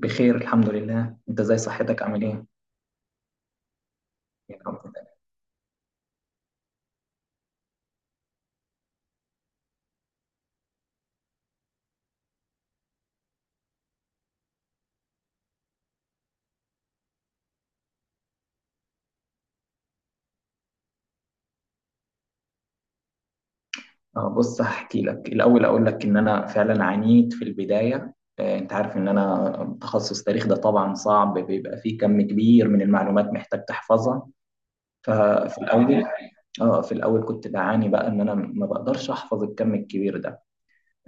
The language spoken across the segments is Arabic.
بخير الحمد لله، انت ازاي؟ صحتك عامل ايه؟ الحمد لله. اه بص، هحكي لك الاول. اقول لك ان انا فعلا عانيت في البدايه، انت عارف ان انا تخصص تاريخ، ده طبعا صعب، بيبقى فيه كم كبير من المعلومات محتاج تحفظها. ففي الاول اه في الاول كنت بعاني بقى ان انا ما بقدرش احفظ الكم الكبير ده.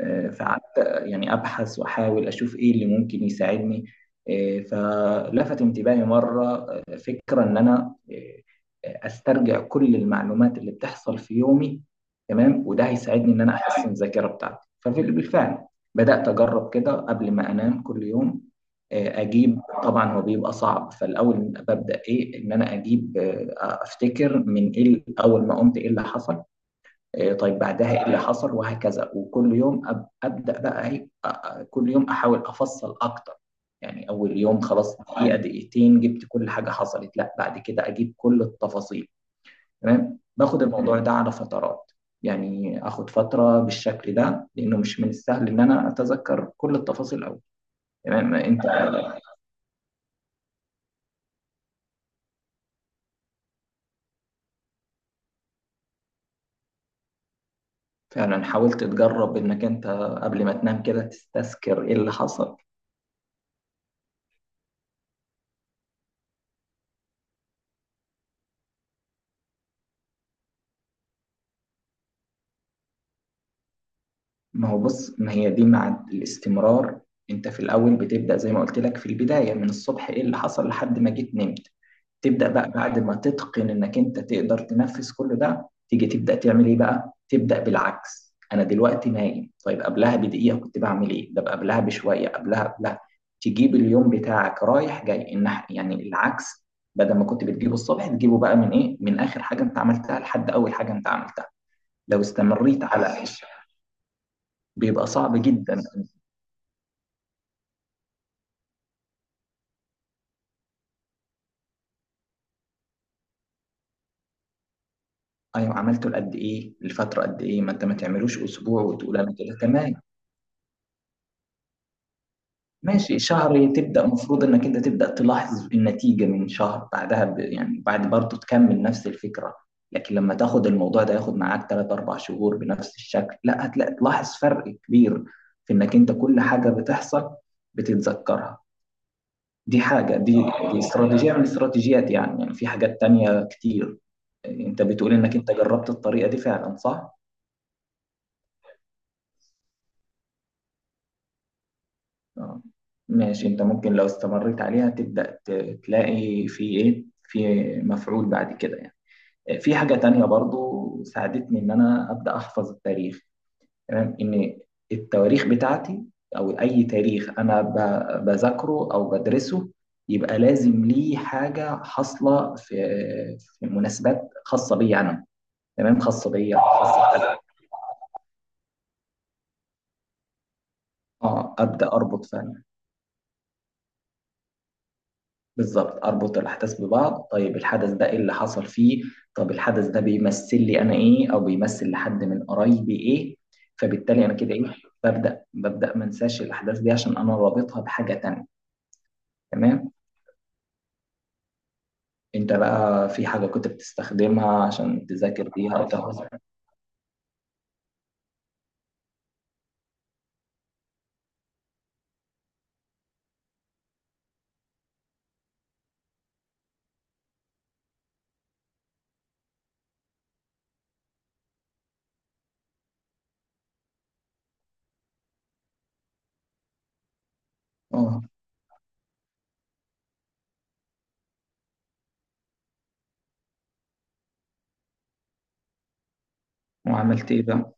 فقعدت يعني أبحث وأحاول أشوف إيه اللي ممكن يساعدني. فلفت انتباهي مرة فكرة إن أنا أسترجع كل المعلومات اللي بتحصل في يومي، تمام؟ وده هيساعدني إن أنا أحسن الذاكرة بتاعتي. فبالفعل بدأت أجرب كده قبل ما أنام كل يوم. أجيب، طبعا هو بيبقى صعب فالأول. ببدأ إيه؟ إن أنا أجيب أفتكر من إيه، أول ما قمت إيه اللي حصل، إيه، طيب بعدها ايه اللي حصل، وهكذا. وكل يوم ابدا بقى ايه، كل يوم احاول افصل اكتر. يعني اول يوم خلاص، دقيقه دقيقتين، جبت كل حاجه حصلت، لا بعد كده اجيب كل التفاصيل، تمام؟ باخد الموضوع ده على فترات، يعني اخد فتره بالشكل ده، لانه مش من السهل ان انا اتذكر كل التفاصيل أوي. تمام، انت فعلا حاولت تجرب انك انت قبل ما تنام كده تستذكر ايه اللي حصل. ما هو بص، ما هي دي مع الاستمرار. انت في الاول بتبدا زي ما قلت لك، في البدايه من الصبح ايه اللي حصل لحد ما جيت نمت. تبدا بقى بعد ما تتقن انك انت تقدر تنفذ كل ده، تيجي تبدا تعمل ايه بقى؟ تبدا بالعكس، انا دلوقتي نايم، طيب قبلها بدقيقه كنت بعمل ايه، ده قبلها بشويه، قبلها، قبلها. تجيب اليوم بتاعك رايح جاي، يعني العكس، بدل ما كنت بتجيبه الصبح، تجيبه بقى من ايه، من اخر حاجه انت عملتها لحد اول حاجه انت عملتها. لو استمريت على، بيبقى صعب جدا. ايوه، عملته لقد ايه؟ لفتره قد ايه؟ ما انت ما تعملوش اسبوع وتقول انا كده تمام. ماشي، شهر تبدا المفروض انك انت تبدا تلاحظ النتيجه من شهر، بعدها يعني بعد، برضه تكمل نفس الفكره. لكن لما تاخد الموضوع ده ياخد معاك 3-4 شهور بنفس الشكل، لا هتلاقي تلاحظ فرق كبير في انك انت كل حاجه بتحصل بتتذكرها. دي حاجه، دي، دي استراتيجيه من الاستراتيجيات. يعني يعني في حاجات تانية كتير. انت بتقول انك انت جربت الطريقه دي فعلا، صح؟ آه. ماشي، انت ممكن لو استمريت عليها تبدأ تلاقي في ايه، في مفعول بعد كده يعني. في حاجة تانية برضو ساعدتني ان انا أبدأ احفظ التاريخ، تمام؟ ان التواريخ بتاعتي او اي تاريخ انا بذاكره او بدرسه، يبقى لازم ليه حاجة حاصلة في، في مناسبات خاصة بيا انا، تمام؟ خاصة بيا، خاصة. اه، أبدأ اربط فعلا، بالظبط، اربط الاحداث ببعض. طيب الحدث ده ايه اللي حصل فيه؟ طب الحدث ده بيمثل لي انا ايه، او بيمثل لحد من قرايبي ايه؟ فبالتالي انا كده ايه، ببدا ما انساش الاحداث دي عشان انا رابطها بحاجه تانية. تمام، انت بقى في حاجه كنت بتستخدمها عشان تذاكر بيها او تاخد؟ اه، وعملت ايه بقى؟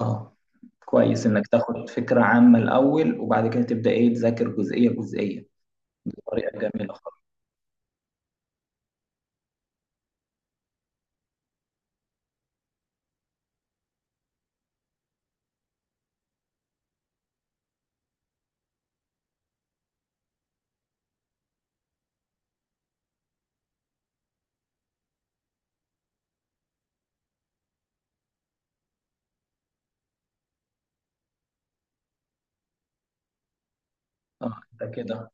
اه، كويس انك تاخد فكره عامه الاول، وبعد كده تبدا ايه، تذاكر جزئيه جزئيه، بطريقه جميله خالص. اه انت كده.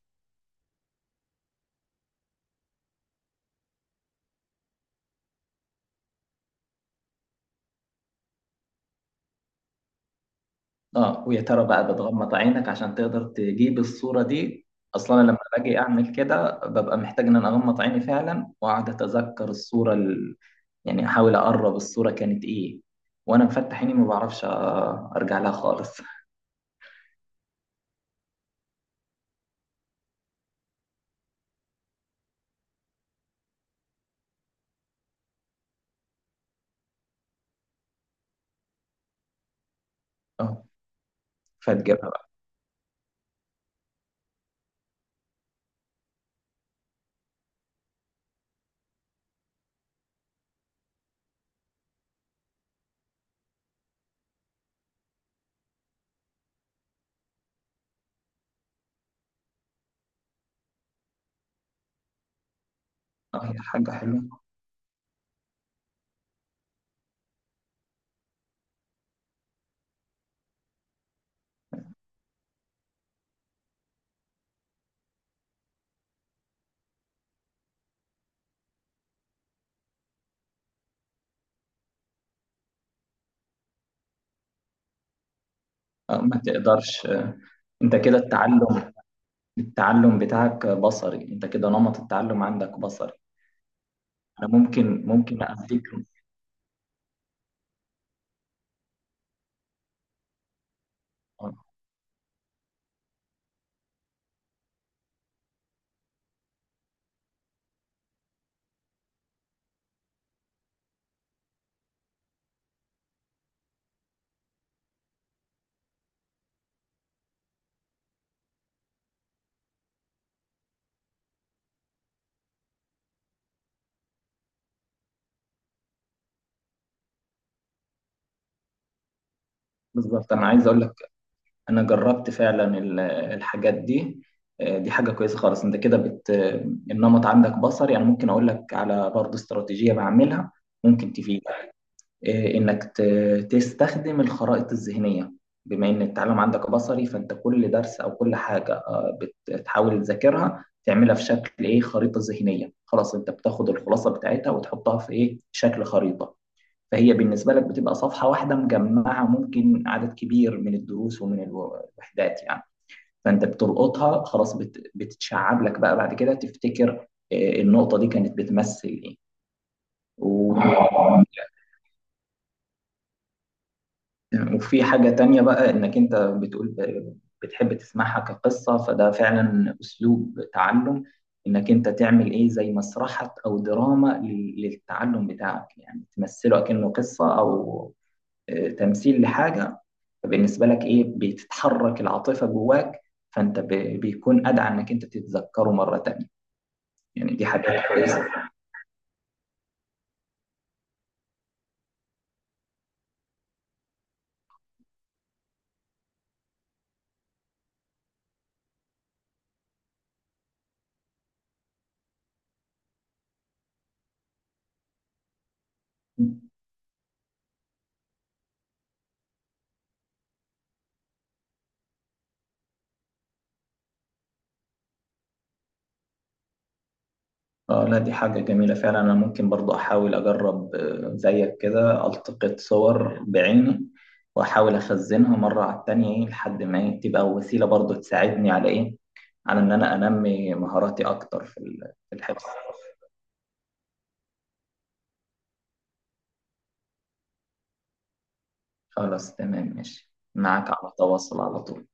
اه، ويا ترى بقى بتغمض عينك عشان تقدر تجيب الصورة دي؟ اصلا لما باجي اعمل كده ببقى محتاج ان انا اغمض عيني فعلا، واقعد اتذكر الصورة يعني احاول اقرب الصورة كانت ايه. وانا مفتح عيني ما بعرفش ارجع لها خالص. اه، فتجيبها بقى. اه، هي حاجة حلوة. اه، ما تقدرش انت كده التعلم، التعلم بتاعك بصري، انت كده نمط التعلم عندك بصري. انا ممكن، ممكن اديك آه، بالظبط. انا عايز اقول لك، انا جربت فعلا الحاجات دي. دي حاجه كويسه خالص. انت كده بت، النمط عندك بصري. يعني ممكن اقول لك على برضه استراتيجيه بعملها، ممكن تفيدك. انك تستخدم الخرائط الذهنيه. بما ان التعلم عندك بصري، فانت كل درس او كل حاجه بتحاول تذاكرها، تعملها في شكل ايه، خريطه ذهنيه. خلاص، انت بتاخد الخلاصه بتاعتها وتحطها في ايه، شكل خريطه. فهي بالنسبة لك بتبقى صفحة واحدة مجمعة، ممكن عدد كبير من الدروس ومن الوحدات يعني. فأنت بتلقطها خلاص، بتتشعب لك بقى، بعد كده تفتكر النقطة دي كانت بتمثل إيه. و- وفي حاجة تانية بقى، إنك أنت بتقول بتحب تسمعها كقصة، فده فعلا أسلوب تعلم. إنك أنت تعمل إيه، زي مسرحة أو دراما للتعلم بتاعك. يعني تمثله كأنه قصة، أو تمثيل لحاجة. فبالنسبه لك ايه، بتتحرك العاطفه جواك، فانت بيكون ادعى انك انت تتذكره مره تانية. يعني دي حاجه كويسه. اه لا، دي حاجه جميله فعلا. انا ممكن برضو احاول اجرب زيك كده، التقط صور بعيني واحاول اخزنها مره على التانية، ايه، لحد ما إيه، تبقى وسيله برضو تساعدني على ايه، على ان انا انمي مهاراتي اكتر في في الحفظ. خلاص تمام، ماشي، معاك على تواصل على طول.